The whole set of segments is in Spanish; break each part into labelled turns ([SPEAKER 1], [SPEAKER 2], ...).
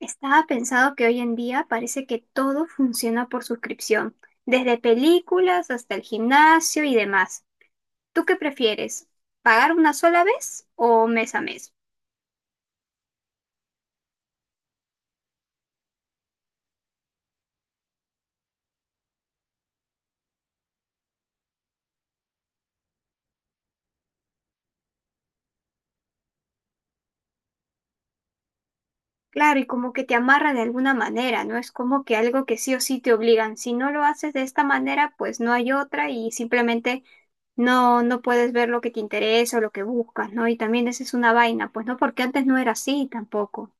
[SPEAKER 1] Estaba pensado que hoy en día parece que todo funciona por suscripción, desde películas hasta el gimnasio y demás. ¿Tú qué prefieres? ¿Pagar una sola vez o mes a mes? Claro, y como que te amarra de alguna manera, no es como que algo que sí o sí te obligan. Si no lo haces de esta manera, pues no hay otra y simplemente no puedes ver lo que te interesa o lo que buscas, ¿no? Y también esa es una vaina, pues no, porque antes no era así tampoco.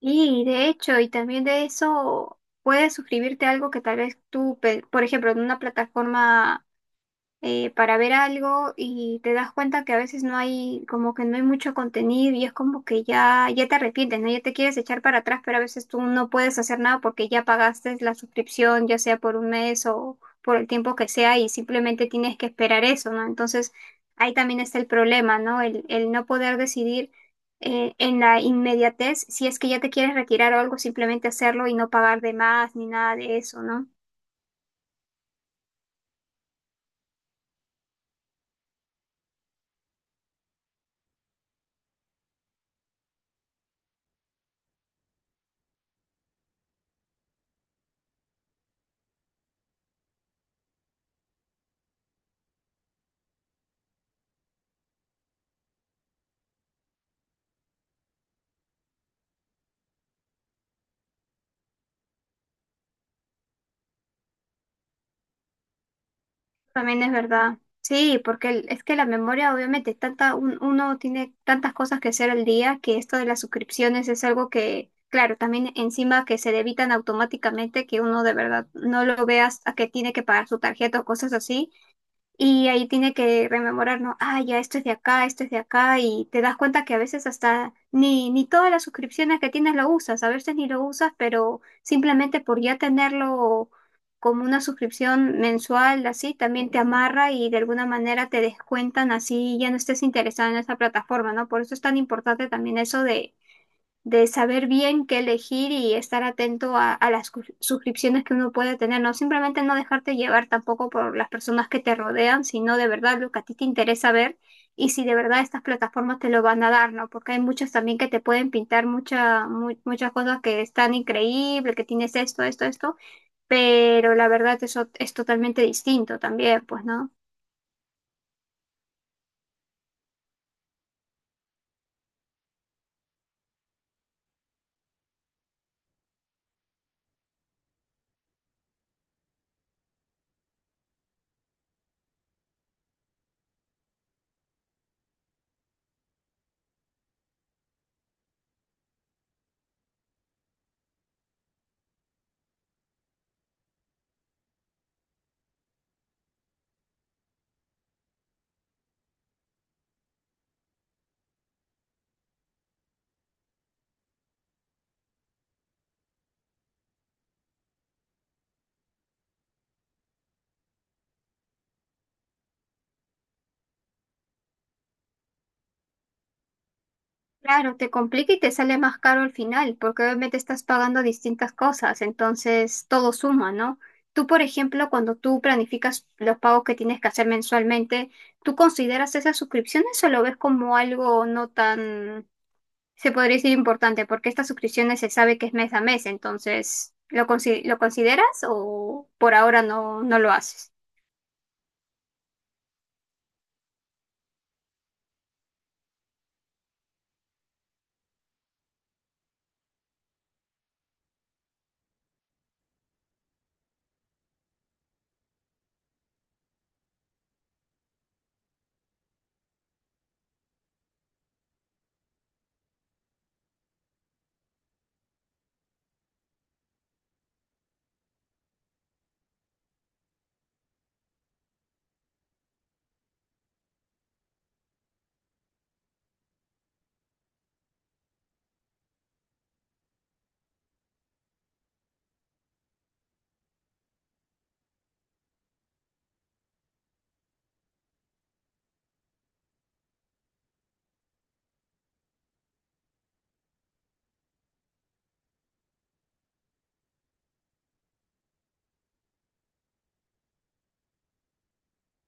[SPEAKER 1] Y de hecho, y también de eso puedes suscribirte a algo que tal vez tú, por ejemplo, en una plataforma para ver algo y te das cuenta que a veces no hay, como que no hay mucho contenido y es como que ya te arrepientes, ¿no? Ya te quieres echar para atrás, pero a veces tú no puedes hacer nada porque ya pagaste la suscripción, ya sea por un mes o por el tiempo que sea y simplemente tienes que esperar eso, ¿no? Entonces ahí también está el problema, ¿no? El no poder decidir. En la inmediatez, si es que ya te quieres retirar o algo, simplemente hacerlo y no pagar de más ni nada de eso, ¿no? También es verdad. Sí, porque es que la memoria, obviamente, tanta, uno tiene tantas cosas que hacer al día que esto de las suscripciones es algo que, claro, también encima que se debitan automáticamente, que uno de verdad no lo veas a que tiene que pagar su tarjeta o cosas así. Y ahí tiene que rememorar, ¿no? Ah, ya, esto es de acá, esto es de acá, y te das cuenta que a veces hasta ni todas las suscripciones que tienes lo usas, a veces ni lo usas, pero simplemente por ya tenerlo como una suscripción mensual, así, también te amarra y de alguna manera te descuentan así, ya no estés interesado en esa plataforma, ¿no? Por eso es tan importante también eso de saber bien qué elegir y estar atento a las suscripciones que uno puede tener, ¿no? Simplemente no dejarte llevar tampoco por las personas que te rodean, sino de verdad lo que a ti te interesa ver y si de verdad estas plataformas te lo van a dar, ¿no? Porque hay muchas también que te pueden pintar muchas cosas que están increíbles, que tienes esto, esto, esto, pero la verdad eso es totalmente distinto también, pues, ¿no? Claro, te complica y te sale más caro al final, porque obviamente estás pagando distintas cosas, entonces todo suma, ¿no? Tú, por ejemplo, cuando tú planificas los pagos que tienes que hacer mensualmente, ¿tú consideras esas suscripciones o lo ves como algo no tan, se podría decir importante? Porque estas suscripciones se sabe que es mes a mes, entonces, lo consideras o por ahora no, no lo haces?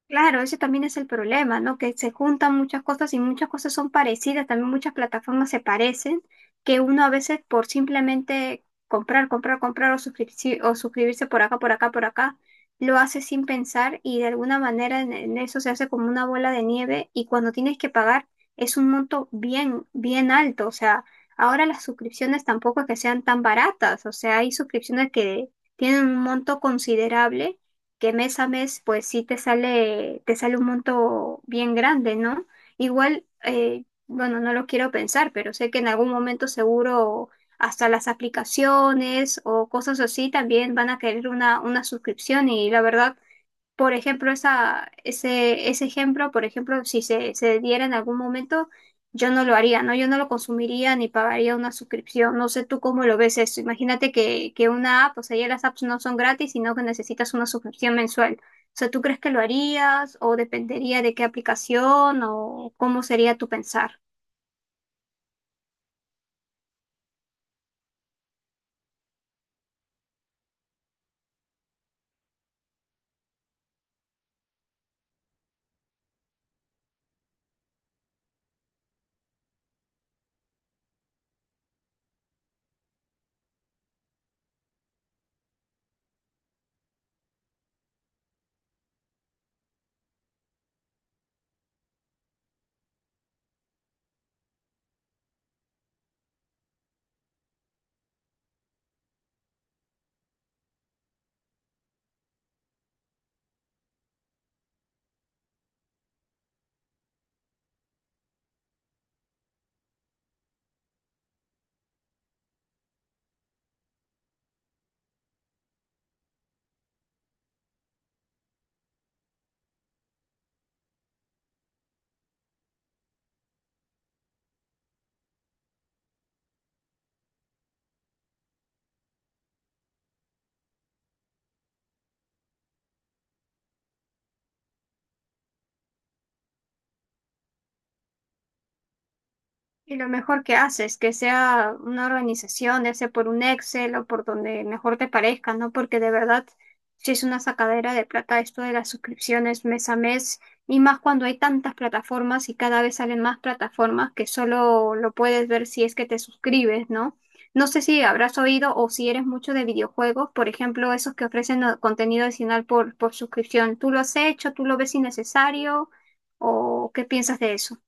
[SPEAKER 1] Claro, ese también es el problema, ¿no? Que se juntan muchas cosas y muchas cosas son parecidas, también muchas plataformas se parecen, que uno a veces por simplemente comprar o, suscribirse por por acá, lo hace sin pensar y de alguna manera en eso se hace como una bola de nieve y cuando tienes que pagar es un monto bien alto, o sea, ahora las suscripciones tampoco es que sean tan baratas, o sea, hay suscripciones que tienen un monto considerable que mes a mes, pues sí te te sale un monto bien grande, ¿no? Igual, bueno, no lo quiero pensar, pero sé que en algún momento seguro hasta las aplicaciones o cosas así también van a querer una suscripción y la verdad por ejemplo, ese ejemplo, por ejemplo, si se diera en algún momento, yo no lo haría, ¿no? Yo no lo consumiría ni pagaría una suscripción. No sé tú cómo lo ves eso. Imagínate que una app, o sea, ya las apps no son gratis, sino que necesitas una suscripción mensual. O sea, ¿tú crees que lo harías o dependería de qué aplicación o cómo sería tu pensar? Y lo mejor que haces, que sea una organización, ya sea por un Excel o por donde mejor te parezca, ¿no? Porque de verdad, si es una sacadera de plata esto de las suscripciones mes a mes, y más cuando hay tantas plataformas y cada vez salen más plataformas que solo lo puedes ver si es que te suscribes, ¿no? No sé si habrás oído o si eres mucho de videojuegos, por ejemplo, esos que ofrecen contenido adicional por suscripción. ¿Tú lo has hecho? ¿Tú lo ves innecesario? ¿O qué piensas de eso?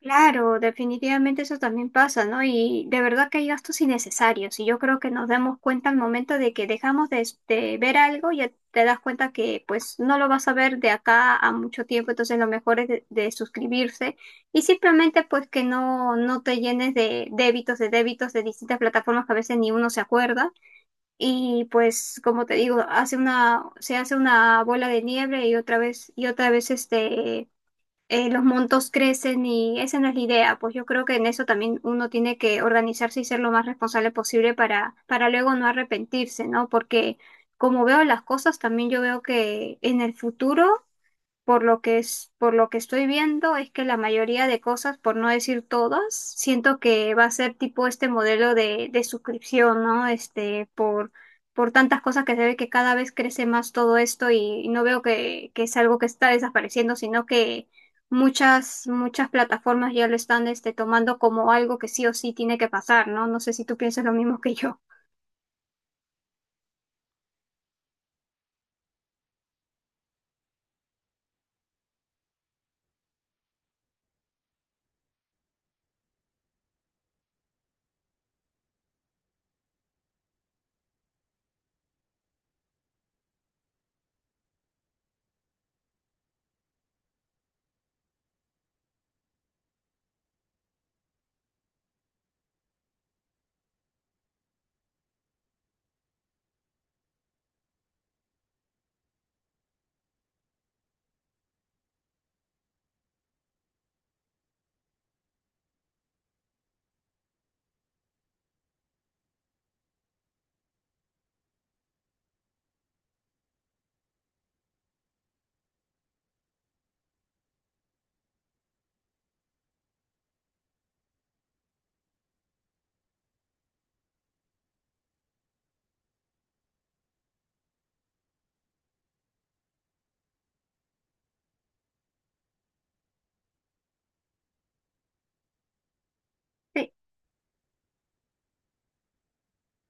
[SPEAKER 1] Claro, definitivamente eso también pasa, ¿no? Y de verdad que hay gastos innecesarios y yo creo que nos damos cuenta al momento de que dejamos de ver algo y ya te das cuenta que pues no lo vas a ver de acá a mucho tiempo, entonces lo mejor es de suscribirse y simplemente pues que no, no te llenes de débitos, de débitos de distintas plataformas que a veces ni uno se acuerda y pues como te digo, se hace una bola de nieve y otra vez los montos crecen y esa no es la idea. Pues yo creo que en eso también uno tiene que organizarse y ser lo más responsable posible para luego no arrepentirse, ¿no? Porque como veo las cosas, también yo veo que en el futuro por lo que es, por lo que estoy viendo es que la mayoría de cosas, por no decir todas, siento que va a ser tipo este modelo de suscripción, ¿no? Este, por tantas cosas que se ve que cada vez crece más todo esto y, no veo que es algo que está desapareciendo, sino que muchas plataformas ya lo están este, tomando como algo que sí o sí tiene que pasar, ¿no? No sé si tú piensas lo mismo que yo.